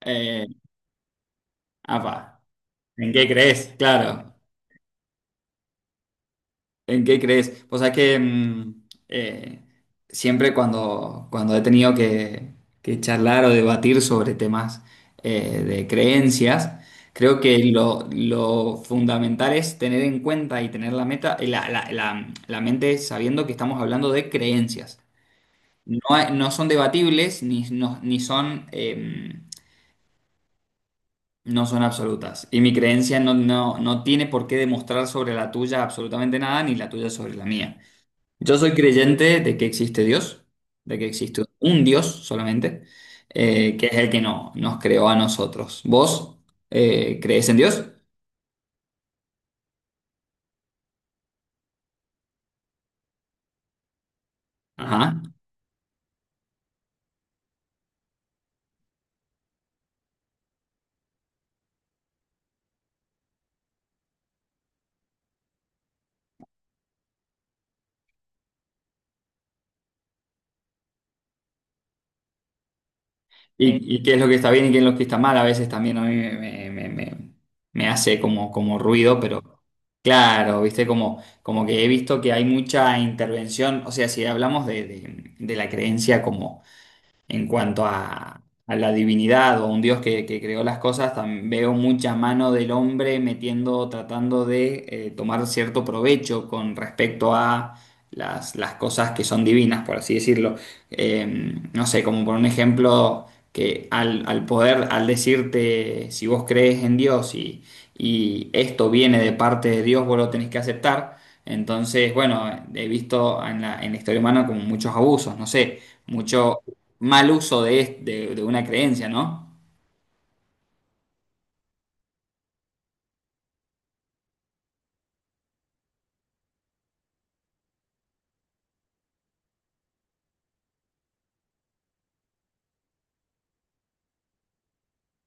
Eh, apa, ¿en qué crees? Claro, ¿en qué crees? Eh, siempre cuando he tenido que charlar o debatir sobre temas de creencias, creo que lo fundamental es tener en cuenta y tener la meta, la mente sabiendo que estamos hablando de creencias. No, no son debatibles ni, ni son. No son absolutas. Y mi creencia no tiene por qué demostrar sobre la tuya absolutamente nada, ni la tuya sobre la mía. Yo soy creyente de que existe Dios, de que existe un Dios solamente, que es el que no, nos creó a nosotros. ¿Vos crees en Dios? Ajá. Y qué es lo que está bien y qué es lo que está mal, a veces también a mí me, me- me- me- me hace como ruido, pero claro, viste, como que he visto que hay mucha intervención, o sea, si hablamos de la creencia en cuanto a la divinidad o un Dios que creó las cosas, veo mucha mano del hombre metiendo, tratando de tomar cierto provecho con respecto a las cosas que son divinas, por así decirlo. Eh, no sé, como por un ejemplo, que al poder, al decirte si vos crees en Dios y esto viene de parte de Dios, vos lo tenés que aceptar. Entonces, bueno, he visto en la historia humana como muchos abusos, no sé, mucho mal uso de una creencia, ¿no?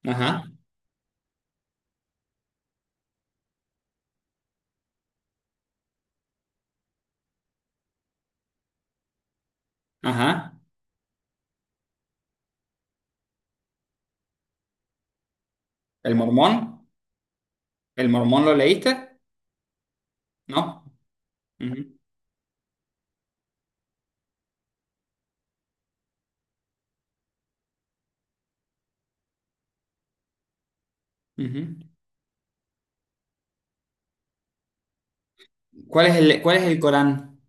Ajá, ajá. ¿El mormón? ¿El mormón lo leíste? ¿No? Ujú, ujú. ¿Cuál es cuál es el Corán?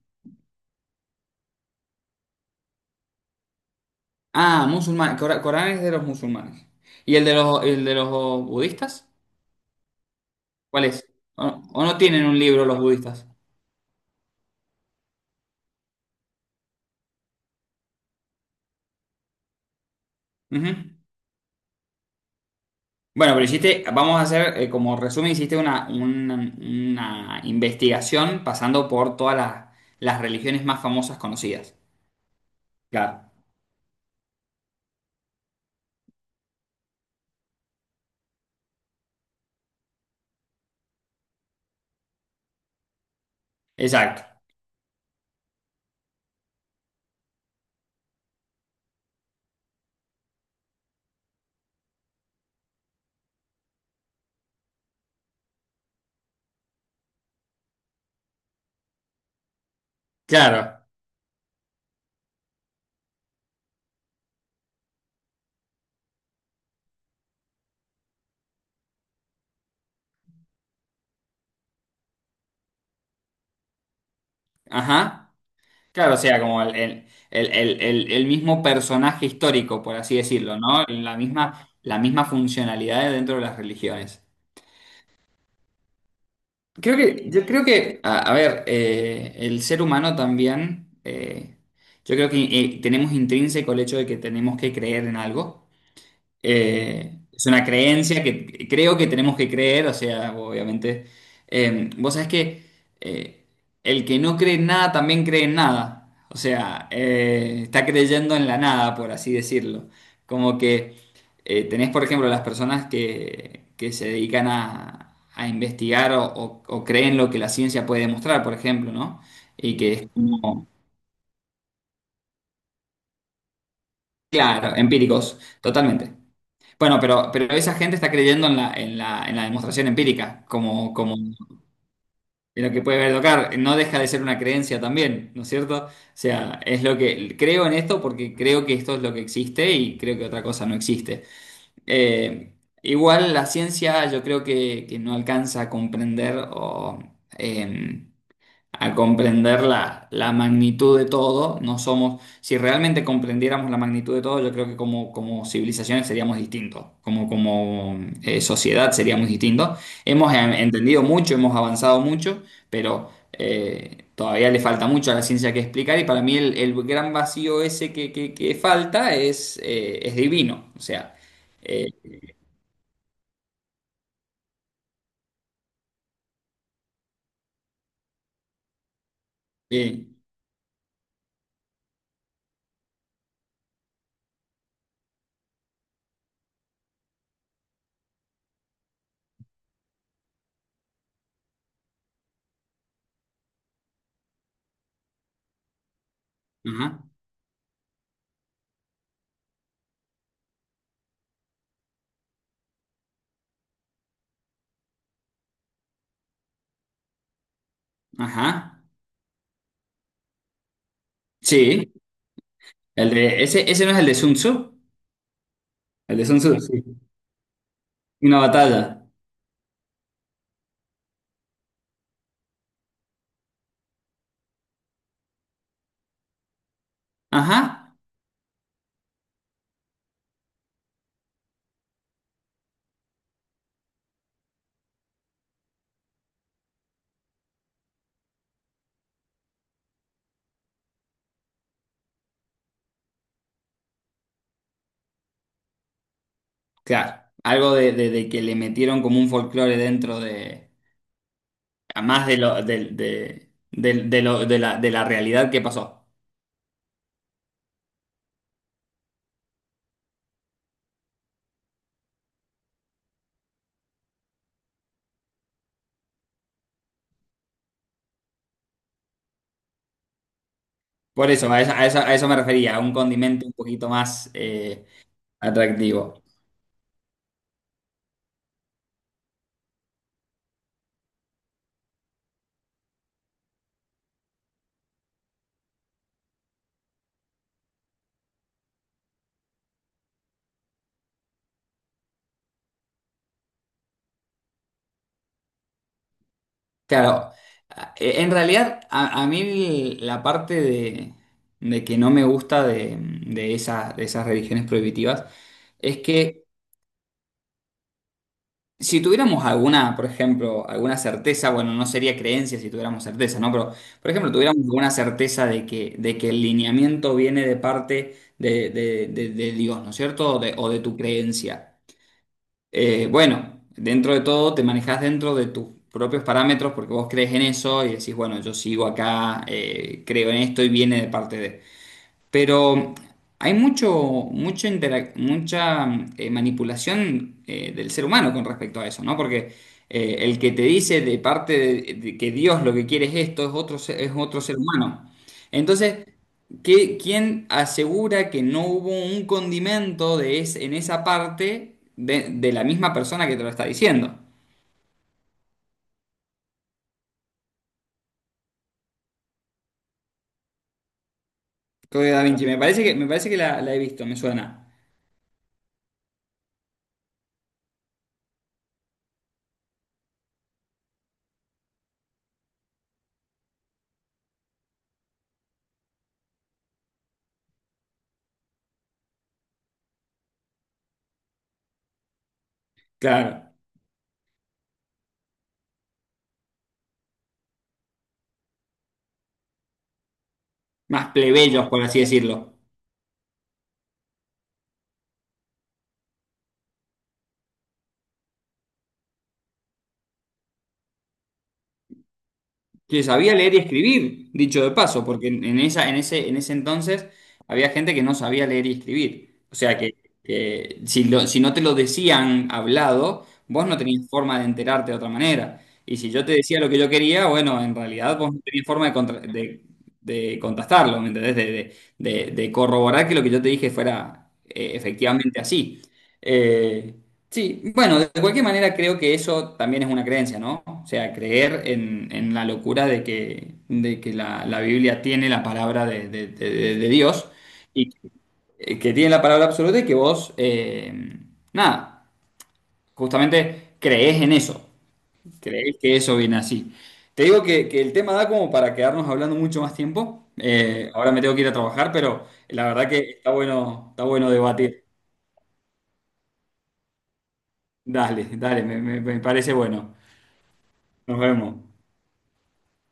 Ah, musulmán. Corán es de los musulmanes. ¿Y el de los budistas? ¿Cuál es? ¿O, o no tienen un libro los budistas? Ujú. Bueno, pero hiciste, vamos a hacer, como resumen, hiciste una investigación pasando por todas las religiones más famosas conocidas. Claro. Exacto. Claro. Ajá. Claro, o sea, como el mismo personaje histórico, por así decirlo, ¿no? La misma funcionalidad dentro de las religiones. Creo que, yo creo que, a ver, el ser humano también, yo creo que tenemos intrínseco el hecho de que tenemos que creer en algo. Es una creencia que creo que tenemos que creer, o sea, obviamente. Vos sabés que eh, el que no cree en nada también cree en nada. O sea, está creyendo en la nada, por así decirlo. Como que tenés, por ejemplo, las personas que se dedican a investigar o creen lo que la ciencia puede demostrar, por ejemplo, ¿no? Y que es como, claro, empíricos, totalmente. Bueno, pero esa gente está creyendo en la demostración empírica, como, como en lo que puede ver tocar. No deja de ser una creencia también, ¿no es cierto? O sea, es lo que creo en esto porque creo que esto es lo que existe y creo que otra cosa no existe. Eh, igual la ciencia yo creo que no alcanza a comprender em, a comprender la magnitud de todo. No somos, si realmente comprendiéramos la magnitud de todo, yo creo que como, como civilizaciones seríamos distintos, como, como sociedad seríamos distintos. Hemos entendido mucho, hemos avanzado mucho, pero todavía le falta mucho a la ciencia que explicar y para mí el gran vacío ese que falta es divino. O sea, eh, eh, ajá, ajá, sí, el de, ese no es el de Sun Tzu, el de Sun Tzu. Una batalla. Ajá, claro. Algo de que le metieron como un folclore dentro de... a más de lo, del de lo- de la realidad que pasó. Por eso, a eso, a eso, a eso me refería, a un condimento un poquito más atractivo. Claro, en realidad a mí la parte de que no me gusta de esas religiones prohibitivas es que si tuviéramos alguna, por ejemplo, alguna certeza, bueno, no sería creencia si tuviéramos certeza, ¿no? Pero, por ejemplo, tuviéramos alguna certeza de de que el lineamiento viene de parte de Dios, ¿no es cierto? O de tu creencia. Bueno, dentro de todo te manejas dentro de tus propios parámetros porque vos crees en eso y decís, bueno, yo sigo acá, creo en esto y viene de parte de... Pero hay mucho, mucho mucha manipulación del ser humano con respecto a eso, ¿no? Porque el que te dice de parte de que Dios lo que quiere es esto, es otro, es otro ser humano. Entonces, ¿quién asegura que no hubo un condimento en esa parte de la misma persona que te lo está diciendo? Código Da Vinci, me parece que la he visto, me suena. Claro, más plebeyos, por así decirlo. Que sabía leer y escribir, dicho de paso, porque en esa, en ese entonces había gente que no sabía leer y escribir. O sea que si, si no te lo decían hablado, vos no tenías forma de enterarte de otra manera. Y si yo te decía lo que yo quería, bueno, en realidad vos no tenías forma de contrastarlo, ¿me entendés? De corroborar que lo que yo te dije fuera efectivamente así. Eh, Sí, bueno, de cualquier manera creo que eso también es una creencia, ¿no? O sea, creer en la locura de que la Biblia tiene la palabra de Dios y que tiene la palabra absoluta y que vos, nada, justamente creés en eso, creés que eso viene así. Te digo que el tema da como para quedarnos hablando mucho más tiempo. Ahora me tengo que ir a trabajar, pero la verdad que está bueno debatir. Dale, dale, me parece bueno. Nos vemos.